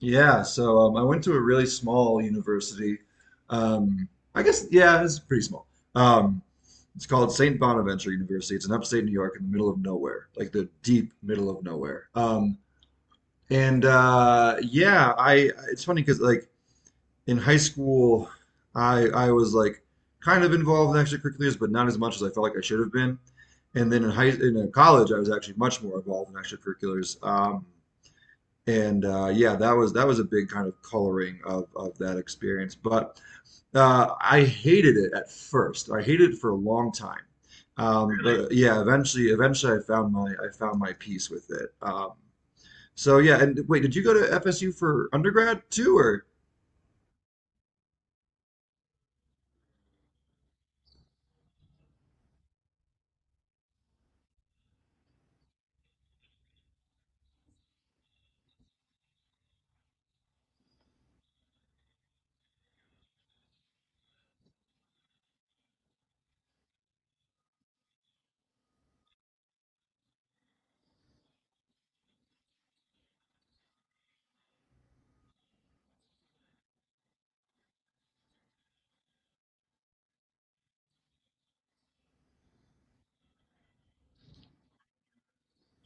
Yeah, I went to a really small university. Um, I guess, yeah, it's pretty small. Um, it's called St. Bonaventure University. It's in upstate New York in the middle of nowhere, like the deep middle of nowhere. And yeah, I it's funny because like in high school, I was like kind of involved in extracurriculars, but not as much as I felt like I should have been. And then in college, I was actually much more involved in extracurriculars. And Yeah, that was a big kind of coloring of that experience. But I hated it at first. I hated it for a long time. Really? But yeah, eventually, I found my peace with it. So yeah, and wait, did you go to FSU for undergrad too, or?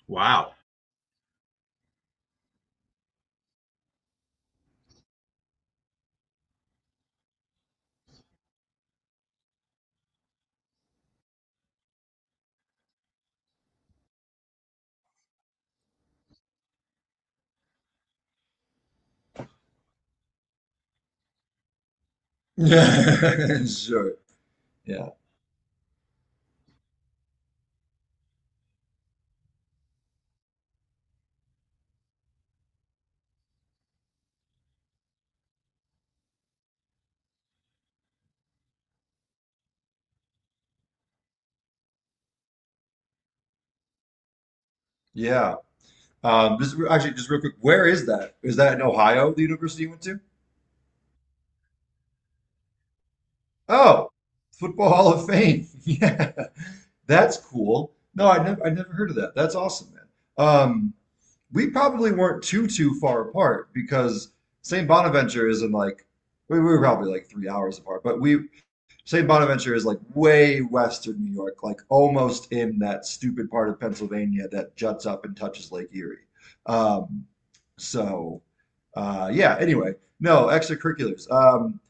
Wow. Sure. Yeah. Yeah. Actually, just real quick, where is that? Is that in Ohio, the university you went to? Oh, Football Hall of Fame. Yeah, that's cool. I never heard of that. That's awesome, man. Um, we probably weren't too far apart because St. Bonaventure is in like we were probably like three hours apart, but we St. Bonaventure is like way western New York, like almost in that stupid part of Pennsylvania that juts up and touches Lake Erie. Um, so yeah. Anyway, no extracurriculars.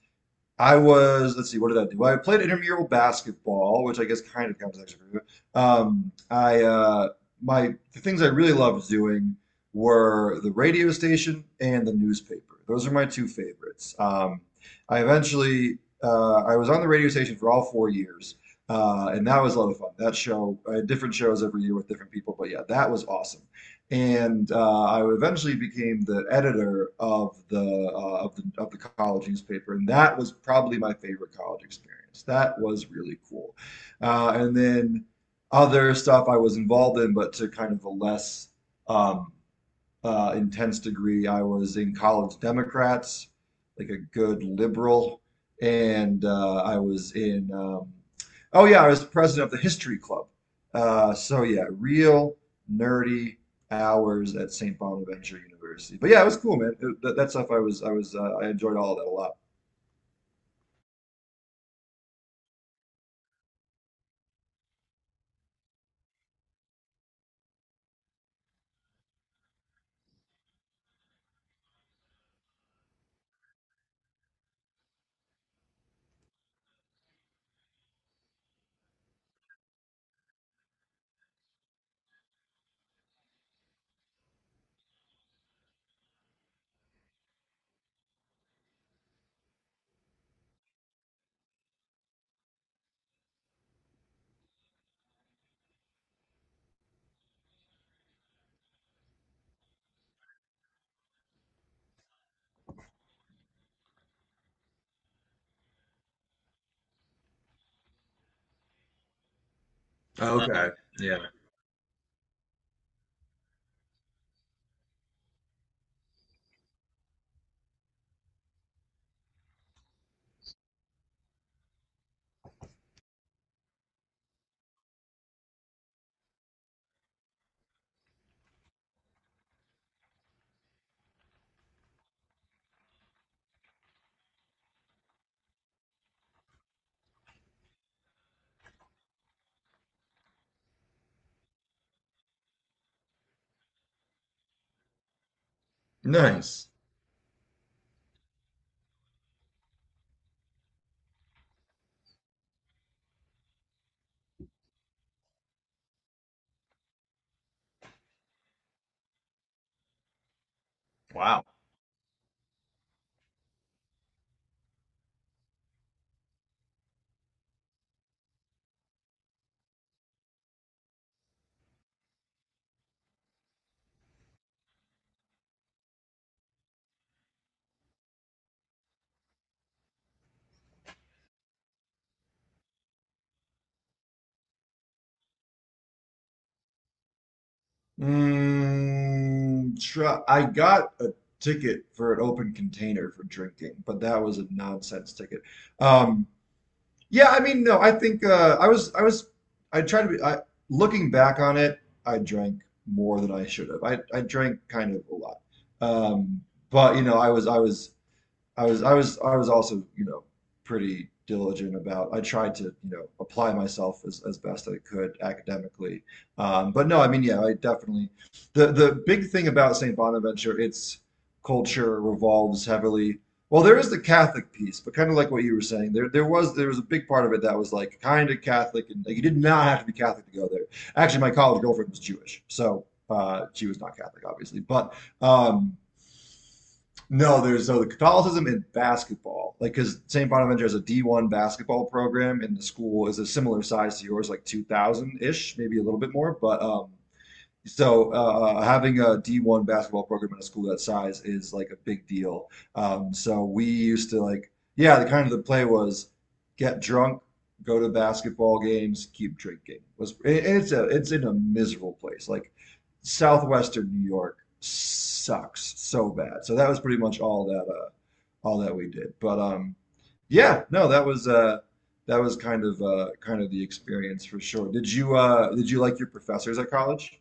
I was, let's see, what did I do? I played intramural basketball, which I guess kind of counts as extracurricular. I My the things I really loved doing were the radio station and the newspaper. Those are my two favorites. I eventually I was on the radio station for all four years, and that was a lot of fun. That show, I had different shows every year with different people, but yeah, that was awesome. And I eventually became the editor of the of the college newspaper, and that was probably my favorite college experience. That was really cool. And then other stuff I was involved in, but to kind of a less um, intense degree. I was in college Democrats, like a good liberal, and I was in. Oh yeah, I was president of the history club. So yeah, real nerdy hours at St. Bonaventure University. But yeah, it was cool, man. It, that, that stuff I enjoyed all of that a lot. Okay. Nice. Wow. Mm, try, I got a ticket for an open container for drinking, but that was a nonsense ticket. Um, yeah, I mean, no, I think I was, I was, I tried to be. I, looking back on it, I drank more than I should have. I drank kind of a lot, um, but you know, I was also, you know, pretty diligent about I tried to, you know, apply myself as best I could academically. But no, I mean, yeah, I definitely the big thing about St. Bonaventure, its culture revolves heavily. Well, there is the Catholic piece, but kind of like what you were saying, there was a big part of it that was like kind of Catholic, and like you did not have to be Catholic to go there. Actually, my college girlfriend was Jewish, so she was not Catholic, obviously, but um, no, there's no the Catholicism in basketball. Like, because St. Bonaventure has a D1 basketball program, and the school is a similar size to yours, like 2,000 ish, maybe a little bit more. But so Having a D1 basketball program in a school that size is like a big deal. So we used to like, yeah, the kind of the play was get drunk, go to basketball games, keep drinking. Was and it's a it's in a miserable place. Like southwestern New York sucks so bad. So that was pretty much all that we did. But Yeah, no, that was kind of the experience for sure. Did you like your professors at college?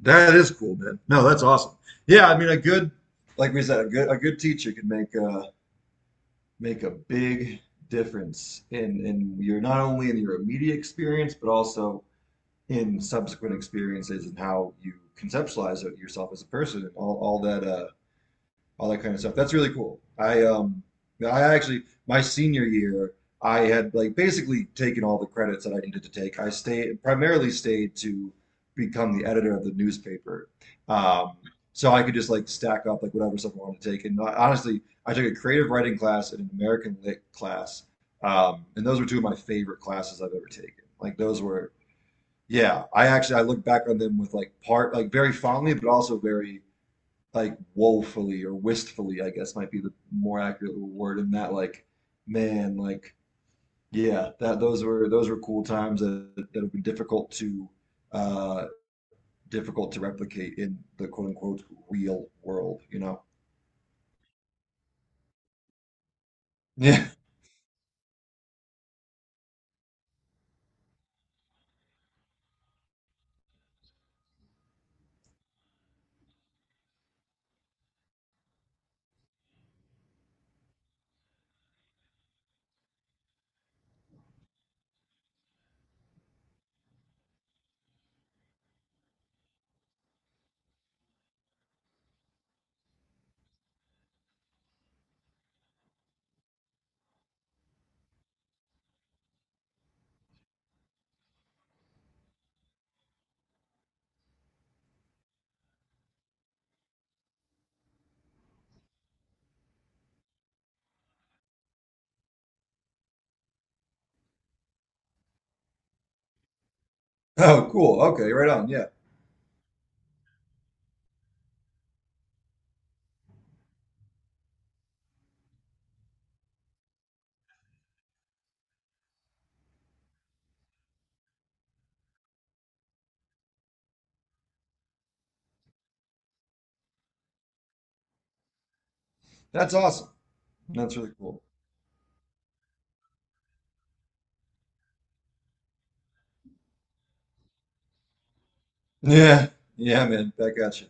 That is cool, man. No, that's awesome. Yeah, I mean, a good, like we said, a good teacher can make a make a big difference in your not only in your immediate experience, but also in subsequent experiences and how you conceptualize yourself as a person and all that kind of stuff. That's really cool. I Actually my senior year I had like basically taken all the credits that I needed to take. I stayed Primarily stayed to become the editor of the newspaper. Um, so I could just like stack up like whatever stuff I wanted to take. Honestly, I took a creative writing class and an American lit class. And those were two of my favorite classes I've ever taken. Like those were, yeah, I actually I look back on them with like very fondly, but also very like woefully or wistfully, I guess might be the more accurate word in that like, man, like yeah, that those were cool times that have been difficult to uh difficult to replicate in the quote unquote real world, you know? Yeah. Oh, cool. Okay, right on. Yeah. That's awesome. That's really cool. Yeah. Yeah, man. Back at you.